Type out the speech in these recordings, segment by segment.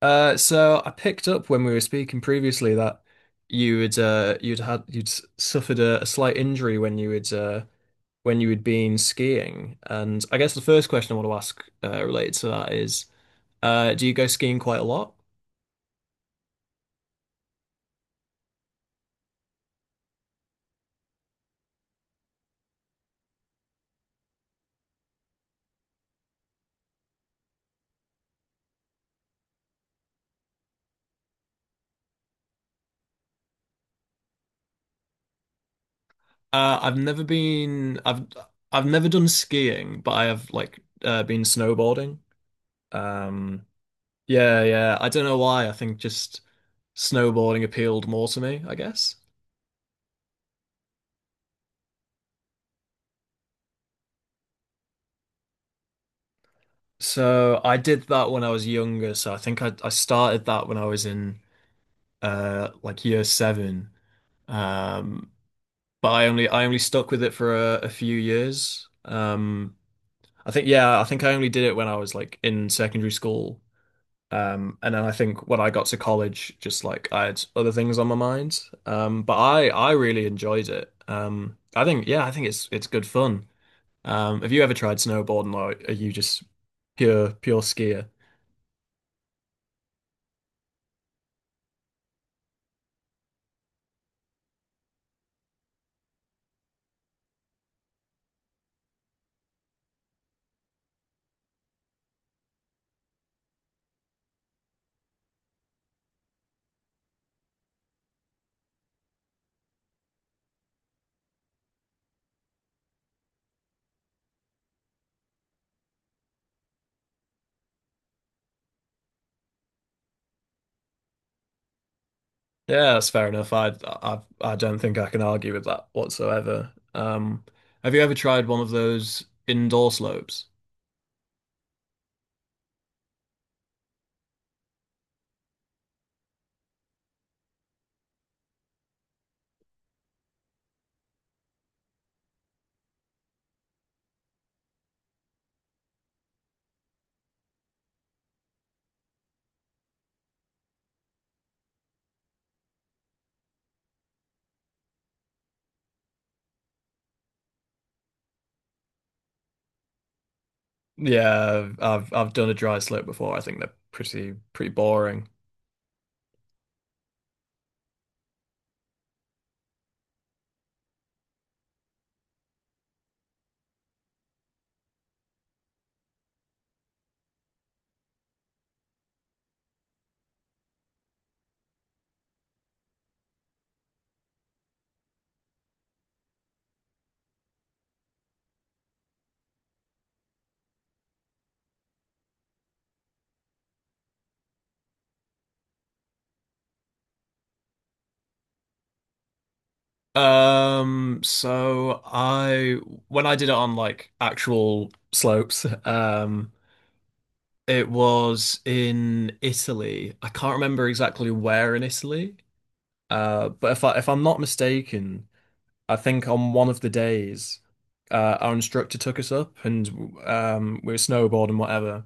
So I picked up when we were speaking previously that you had suffered a slight injury when you had been skiing, and I guess the first question I want to ask related to that is, do you go skiing quite a lot? I've never been. I've never done skiing, but I have been snowboarding. Um, yeah, yeah. I don't know why. I think just snowboarding appealed more to me, I guess. So I did that when I was younger. So I think I started that when I was in like year seven. Um, but I only stuck with it for a few years. I think I only did it when I was like in secondary school. And then I think when I got to college, just like I had other things on my mind. But I really enjoyed it. I think it's good fun. Have you ever tried snowboarding or are you just pure skier? Yeah, that's fair enough. I don't think I can argue with that whatsoever. Have you ever tried one of those indoor slopes? Yeah, I've done a dry slope before. I think they're pretty boring. So I when I did it on like actual slopes, it was in Italy. I can't remember exactly where in Italy. But if I'm not mistaken. I think on one of the days, our instructor took us up and we were snowboarding, whatever.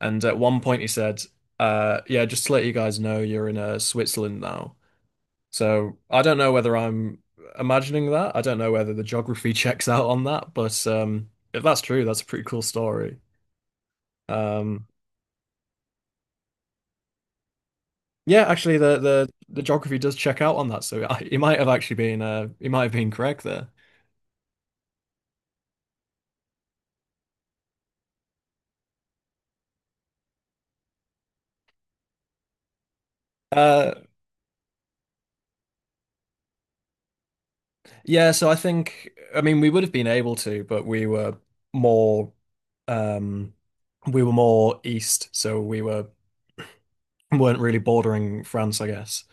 And at one point, he said, yeah, just to let you guys know, you're in Switzerland now. So I don't know whether I'm imagining that. I don't know whether the geography checks out on that. But if that's true, that's a pretty cool story. Um, yeah, actually, the geography does check out on that. So he might have actually been, he might have been correct there. Uh, Yeah, so I think I mean we would have been able to, but more um we were more east, so we were weren't really bordering France, I guess.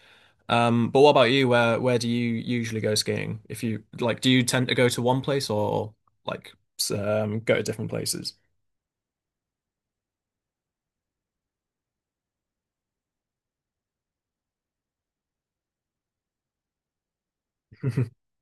Um, but what about you? Where do you usually go skiing? If you like do you tend to go to one place or like go to different places?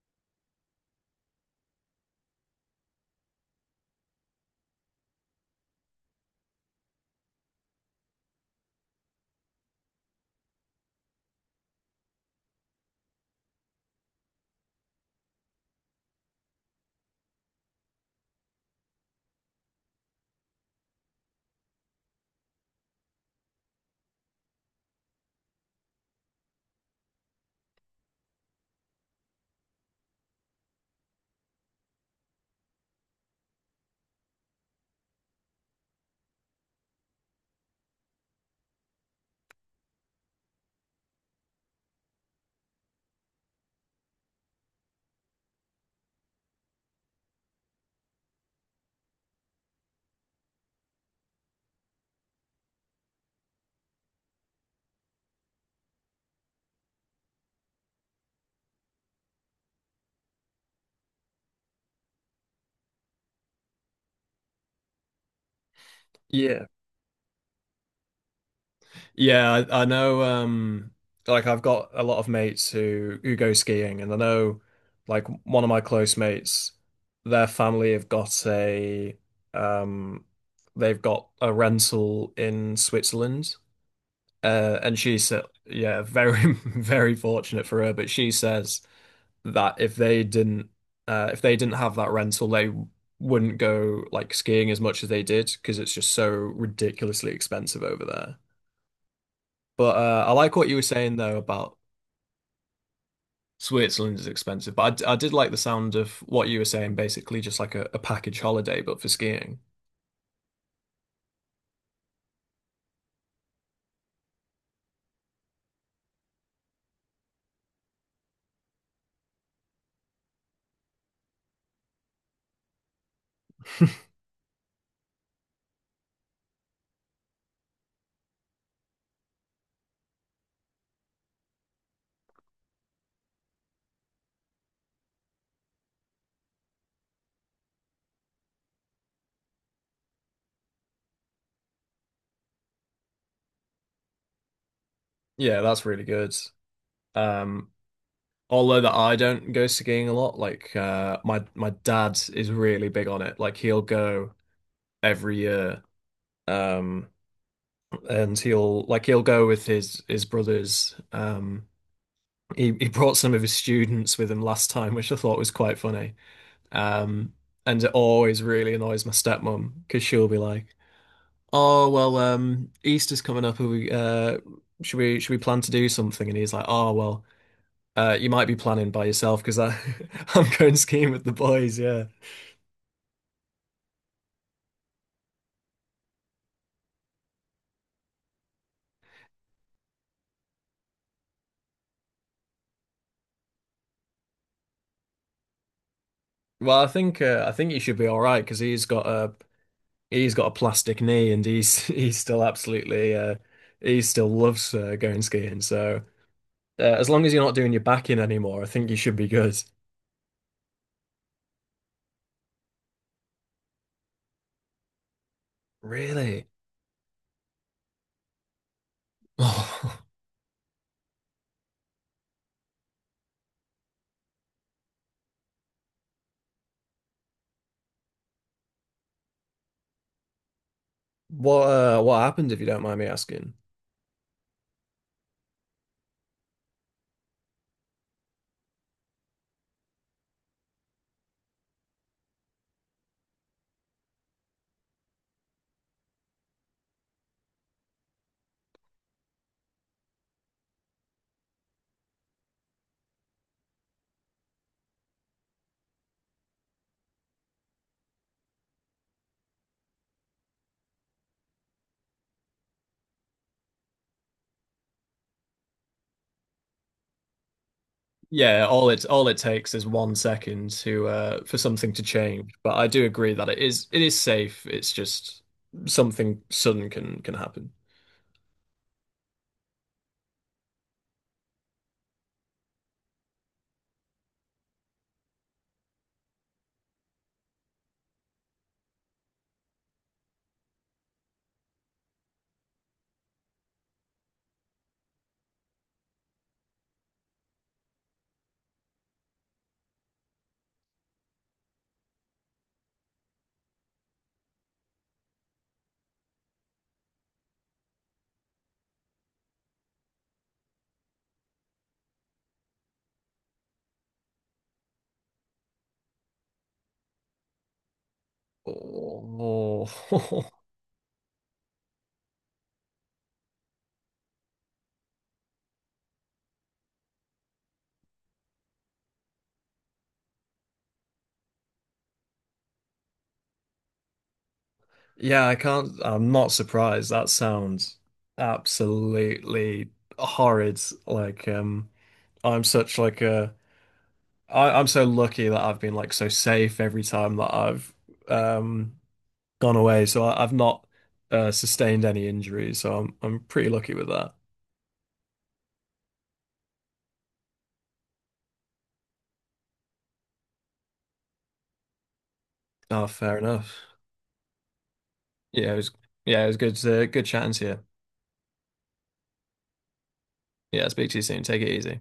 Yeah. Yeah, I know like I've got a lot of mates who go skiing and I know like one of my close mates, their family have got a um they've got a rental in Switzerland. And she said yeah, very very fortunate for her, but she says that if they didn't have that rental they wouldn't go like skiing as much as they did because it's just so ridiculously expensive over there. But I like what you were saying though about Switzerland is expensive. But I did like the sound of what you were saying, basically just like a package holiday, but for skiing. Yeah, that's really good. Um, although that I don't go skiing a lot, like my my dad is really big on it. Like he'll go every year, um, and he'll go with his brothers. He brought some of his students with him last time, which I thought was quite funny. Um, and it always really annoys my stepmom because she'll be like, "Oh well, Easter's coming up. Are we, should we plan to do something?" And he's like, "Oh well, you might be planning by yourself because I I'm going skiing with the boys." Yeah. Well, I think you should be all right because he's got a plastic knee and he's he's still absolutely he still loves going skiing. So as long as you're not doing your back in anymore, I think you should be good. Really? What happened if you don't mind me asking? Yeah, all it takes is one second to for something to change. But I do agree that it is safe. It's just something sudden can happen. Oh, yeah, I can't. I'm not surprised. That sounds absolutely horrid. Like, I'm such like a I'm so lucky that I've been like so safe every time that I've Right. um gone away, so I've not sustained any injuries, so I'm pretty lucky with that. Oh, fair enough. Yeah, it was yeah, it was good good chatting to you. Yeah, speak to you soon. Take it easy.